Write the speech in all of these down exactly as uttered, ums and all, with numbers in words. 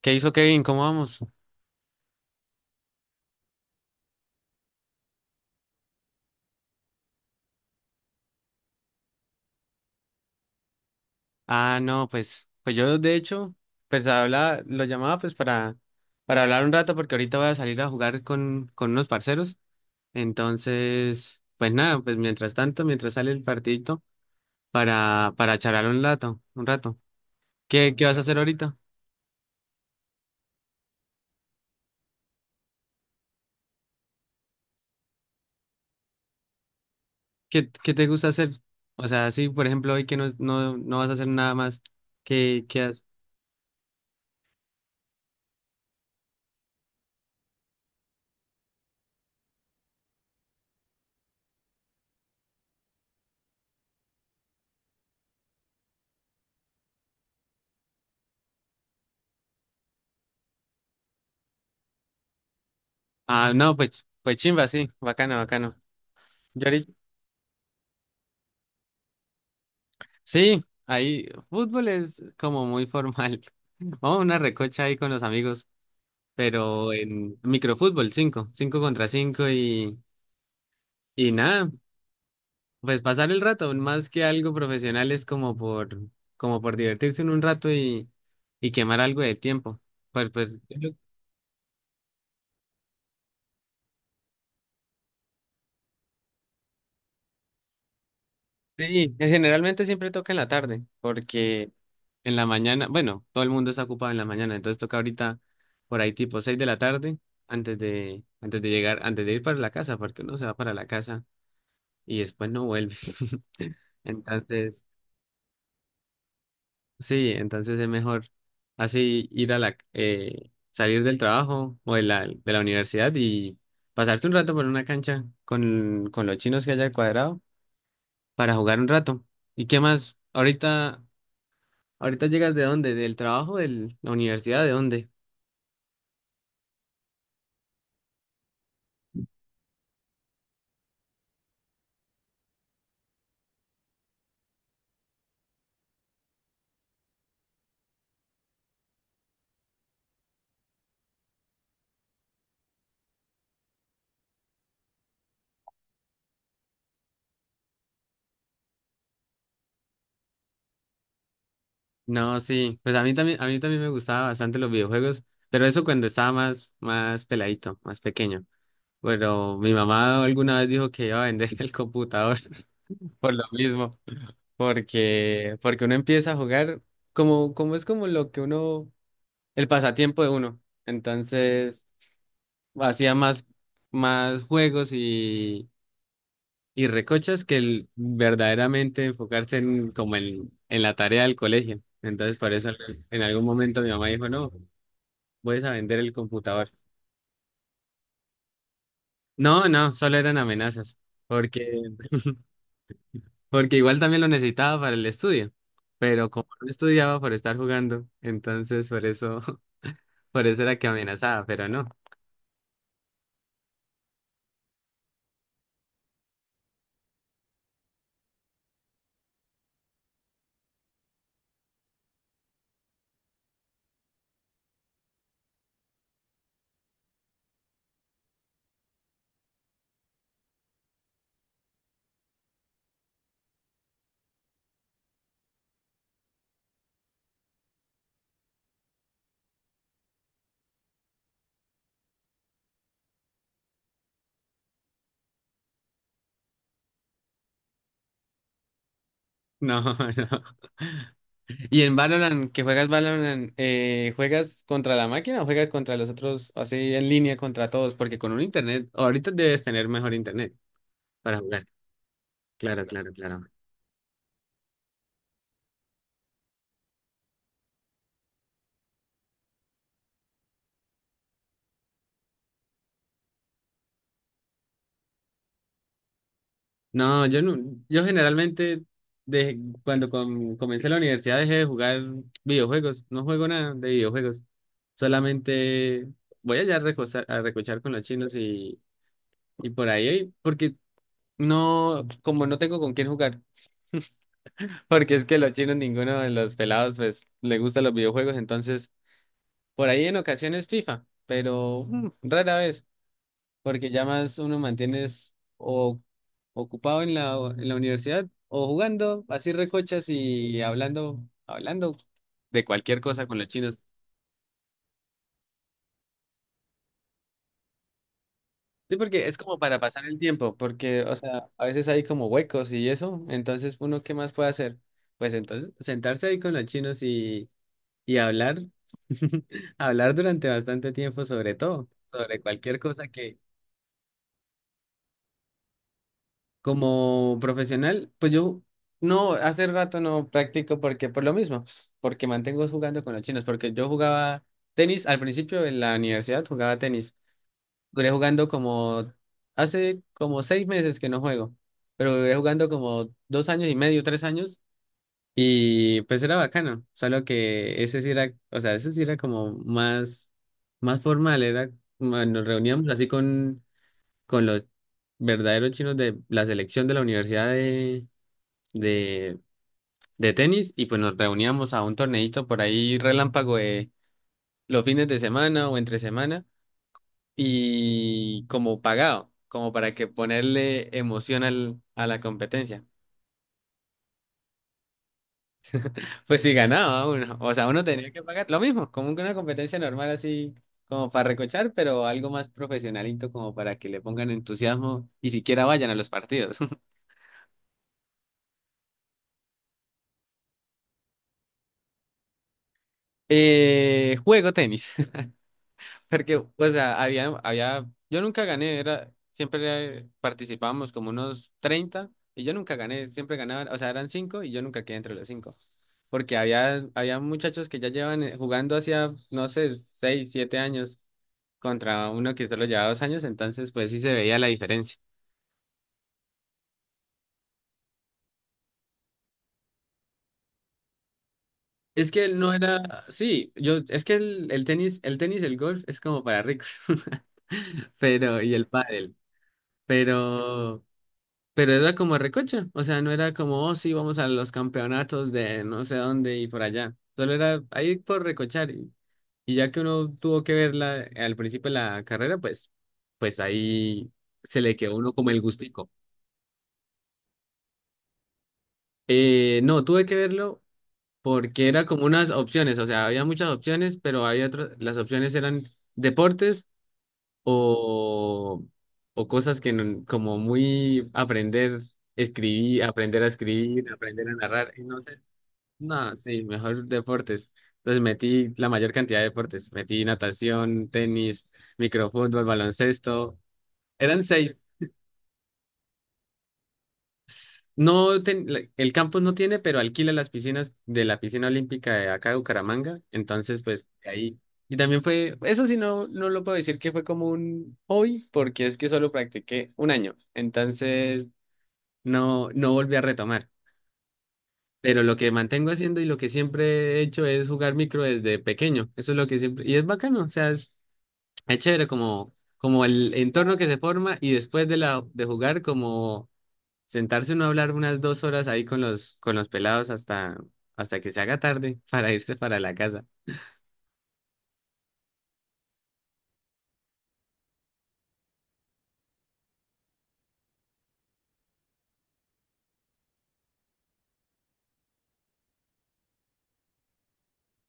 ¿Qué hizo Kevin? ¿Cómo vamos? Ah, no, pues, pues yo de hecho, pues habla, lo llamaba pues para, para hablar un rato porque ahorita voy a salir a jugar con, con unos parceros. Entonces, pues nada, pues mientras tanto, mientras sale el partidito, para, para charlar un rato, un rato. ¿Qué, qué vas a hacer ahorita? ¿Qué, qué te gusta hacer? O sea, sí, por ejemplo, hoy que no, no, no vas a hacer nada más, ¿qué, qué haces? Ah, no, pues, pues chimba, sí, bacano, bacano. Sí, ahí fútbol es como muy formal. Vamos a una recocha ahí con los amigos, pero en microfútbol, cinco, cinco contra cinco y, y nada, pues pasar el rato, más que algo profesional es como por, como por divertirse en un rato y, y quemar algo de tiempo. Pues, pues, yo- sí, generalmente siempre toca en la tarde, porque en la mañana, bueno, todo el mundo está ocupado en la mañana, entonces toca ahorita por ahí tipo seis de la tarde, antes de, antes de llegar, antes de ir para la casa, porque uno se va para la casa y después no vuelve. Entonces, sí, entonces es mejor así ir a la, eh, salir del trabajo o de la, de la, universidad y pasarte un rato por una cancha con, con los chinos que haya al cuadrado para jugar un rato. ¿Y qué más? Ahorita, ¿ahorita llegas de dónde? ¿Del trabajo, de la universidad, de dónde? No, sí, pues a mí también, a mí también me gustaban bastante los videojuegos, pero eso cuando estaba más, más, peladito, más pequeño. Pero mi mamá alguna vez dijo que iba a vender el computador por lo mismo, porque, porque, uno empieza a jugar como, como es como lo que uno, el pasatiempo de uno. Entonces, hacía más, más, juegos y, y recochas que el, verdaderamente enfocarse en, como en, en la tarea del colegio. Entonces, por eso en algún momento mi mamá dijo, no. Voy a vender el computador. No, no, solo eran amenazas, porque, porque igual también lo necesitaba para el estudio, pero como no estudiaba por estar jugando, entonces por eso, por eso era que amenazaba, pero no, no, no. ¿Y en Valorant, que juegas Valorant, eh, juegas contra la máquina o juegas contra los otros, así en línea contra todos? Porque con un internet, ahorita debes tener mejor internet para jugar. Claro, claro, claro. No, yo no, yo generalmente desde cuando com- comencé la universidad dejé de jugar videojuegos, no juego nada de videojuegos, solamente voy allá a recosar, a recochar con los chinos y, y, por ahí, porque no, como no tengo con quién jugar, porque es que los chinos, ninguno de los pelados, pues, le gustan los videojuegos, entonces, por ahí en ocasiones FIFA, pero mm, rara vez. Porque ya más uno mantienes o ocupado en la, en la universidad o jugando así recochas y hablando, hablando de cualquier cosa con los chinos. Sí, porque es como para pasar el tiempo, porque, o sea, a veces hay como huecos y eso, entonces uno, ¿qué más puede hacer? Pues entonces sentarse ahí con los chinos y, y hablar, hablar durante bastante tiempo sobre todo, sobre cualquier cosa. Como profesional, pues yo no, hace rato no practico porque por lo mismo, porque mantengo jugando con los chinos, porque yo jugaba tenis al principio en la universidad, jugaba tenis. Duré jugando como hace como seis meses que no juego, pero duré jugando como dos años y medio, tres años, y pues era bacano, solo que ese sí era, o sea, ese sí era como más, más formal, era, ma- nos reuníamos así con con los verdaderos chinos de la selección de la universidad de, de, de tenis y pues nos reuníamos a un torneito por ahí relámpago de los fines de semana o entre semana y como pagado, como para que ponerle emoción al, a la competencia. Pues si ganaba uno, o sea, uno tenía que pagar lo mismo, como que una competencia normal así. Como para recochar, pero algo más profesionalito como para que le pongan entusiasmo y siquiera vayan a los partidos. Eh, juego tenis. Porque, o sea, había, había, yo nunca gané, era, siempre participábamos como unos treinta y yo nunca gané, siempre ganaban, o sea, eran cinco y yo nunca quedé entre los cinco. Porque había, había muchachos que ya llevan eh, jugando hacía, no sé, seis siete años contra uno que solo llevaba dos años, entonces pues sí se veía la diferencia. Es que no era, sí, yo, es que el, el tenis, el tenis el golf es como para ricos, pero, y el pádel, pero Pero era como recocha, o sea, no era como, oh, sí, vamos a los campeonatos de no sé dónde y por allá. Solo era ahí por recochar. Y, y ya que uno tuvo que verla al principio de la carrera, pues, pues ahí se le quedó uno como el gustico. Eh, no, tuve que verlo porque era como unas opciones, o sea, había muchas opciones, pero había otras, las opciones eran deportes o, o cosas que no- como muy aprender, escribir, aprender a escribir, aprender a narrar, y no sé. No, sí, mejor deportes. Entonces metí la mayor cantidad de deportes. Metí natación, tenis, microfútbol, baloncesto. Eran seis. No ten- la- el campus no tiene, pero alquila las piscinas de la piscina olímpica de acá de Bucaramanga. Entonces, pues de ahí. Y también fue, eso sí no, no lo puedo decir que fue como un hobby, porque es que solo practiqué un año. Entonces, no, no volví a retomar. Pero lo que mantengo haciendo y lo que siempre he hecho es jugar micro desde pequeño. Eso es lo que siempre... Y es bacano, o sea, es, es chévere como, como el entorno que se forma y después de, la, de jugar, como sentarse uno a hablar unas dos horas ahí con los, con los, pelados hasta, hasta que se haga tarde para irse para la casa,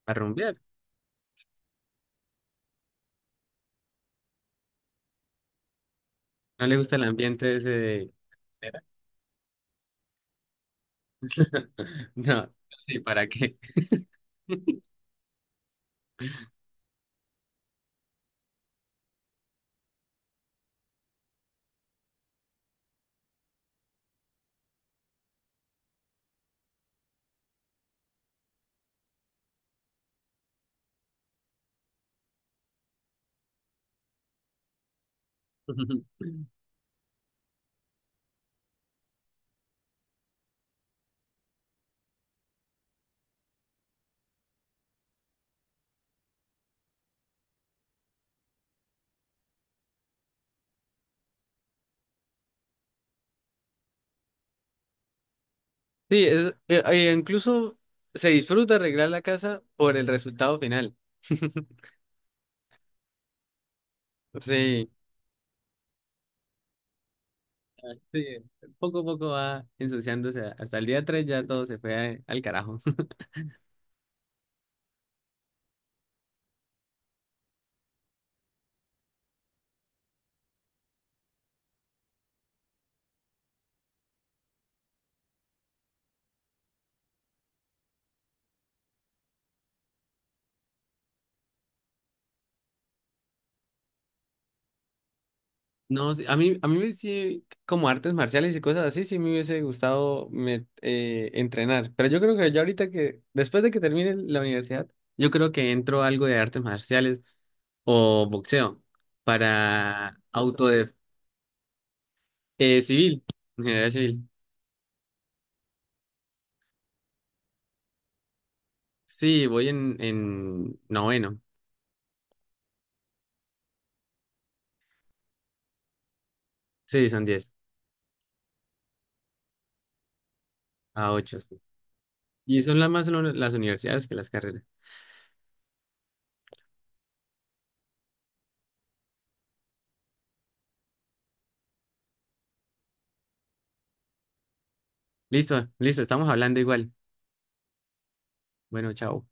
a rumbear. ¿No le gusta el ambiente ese de... No, sí, ¿para qué? Sí, es, eh, eh, incluso se disfruta arreglar la casa por el resultado final. Sí, sí, poco a poco va ensuciándose. Hasta el día tres ya todo se fue a- al carajo. No, sí, a mí, a mí sí, como artes marciales y cosas así, sí me hubiese gustado me- eh, entrenar. Pero yo creo que ya ahorita que, después de que termine la universidad, yo creo que entro a algo de artes marciales o boxeo para auto de, eh, civil, ingeniería civil. Sí, voy en, en, noveno. Sí, son diez a ocho sí. Y son las más son las universidades que las carreras. Listo, listo, estamos hablando igual. Bueno, chao.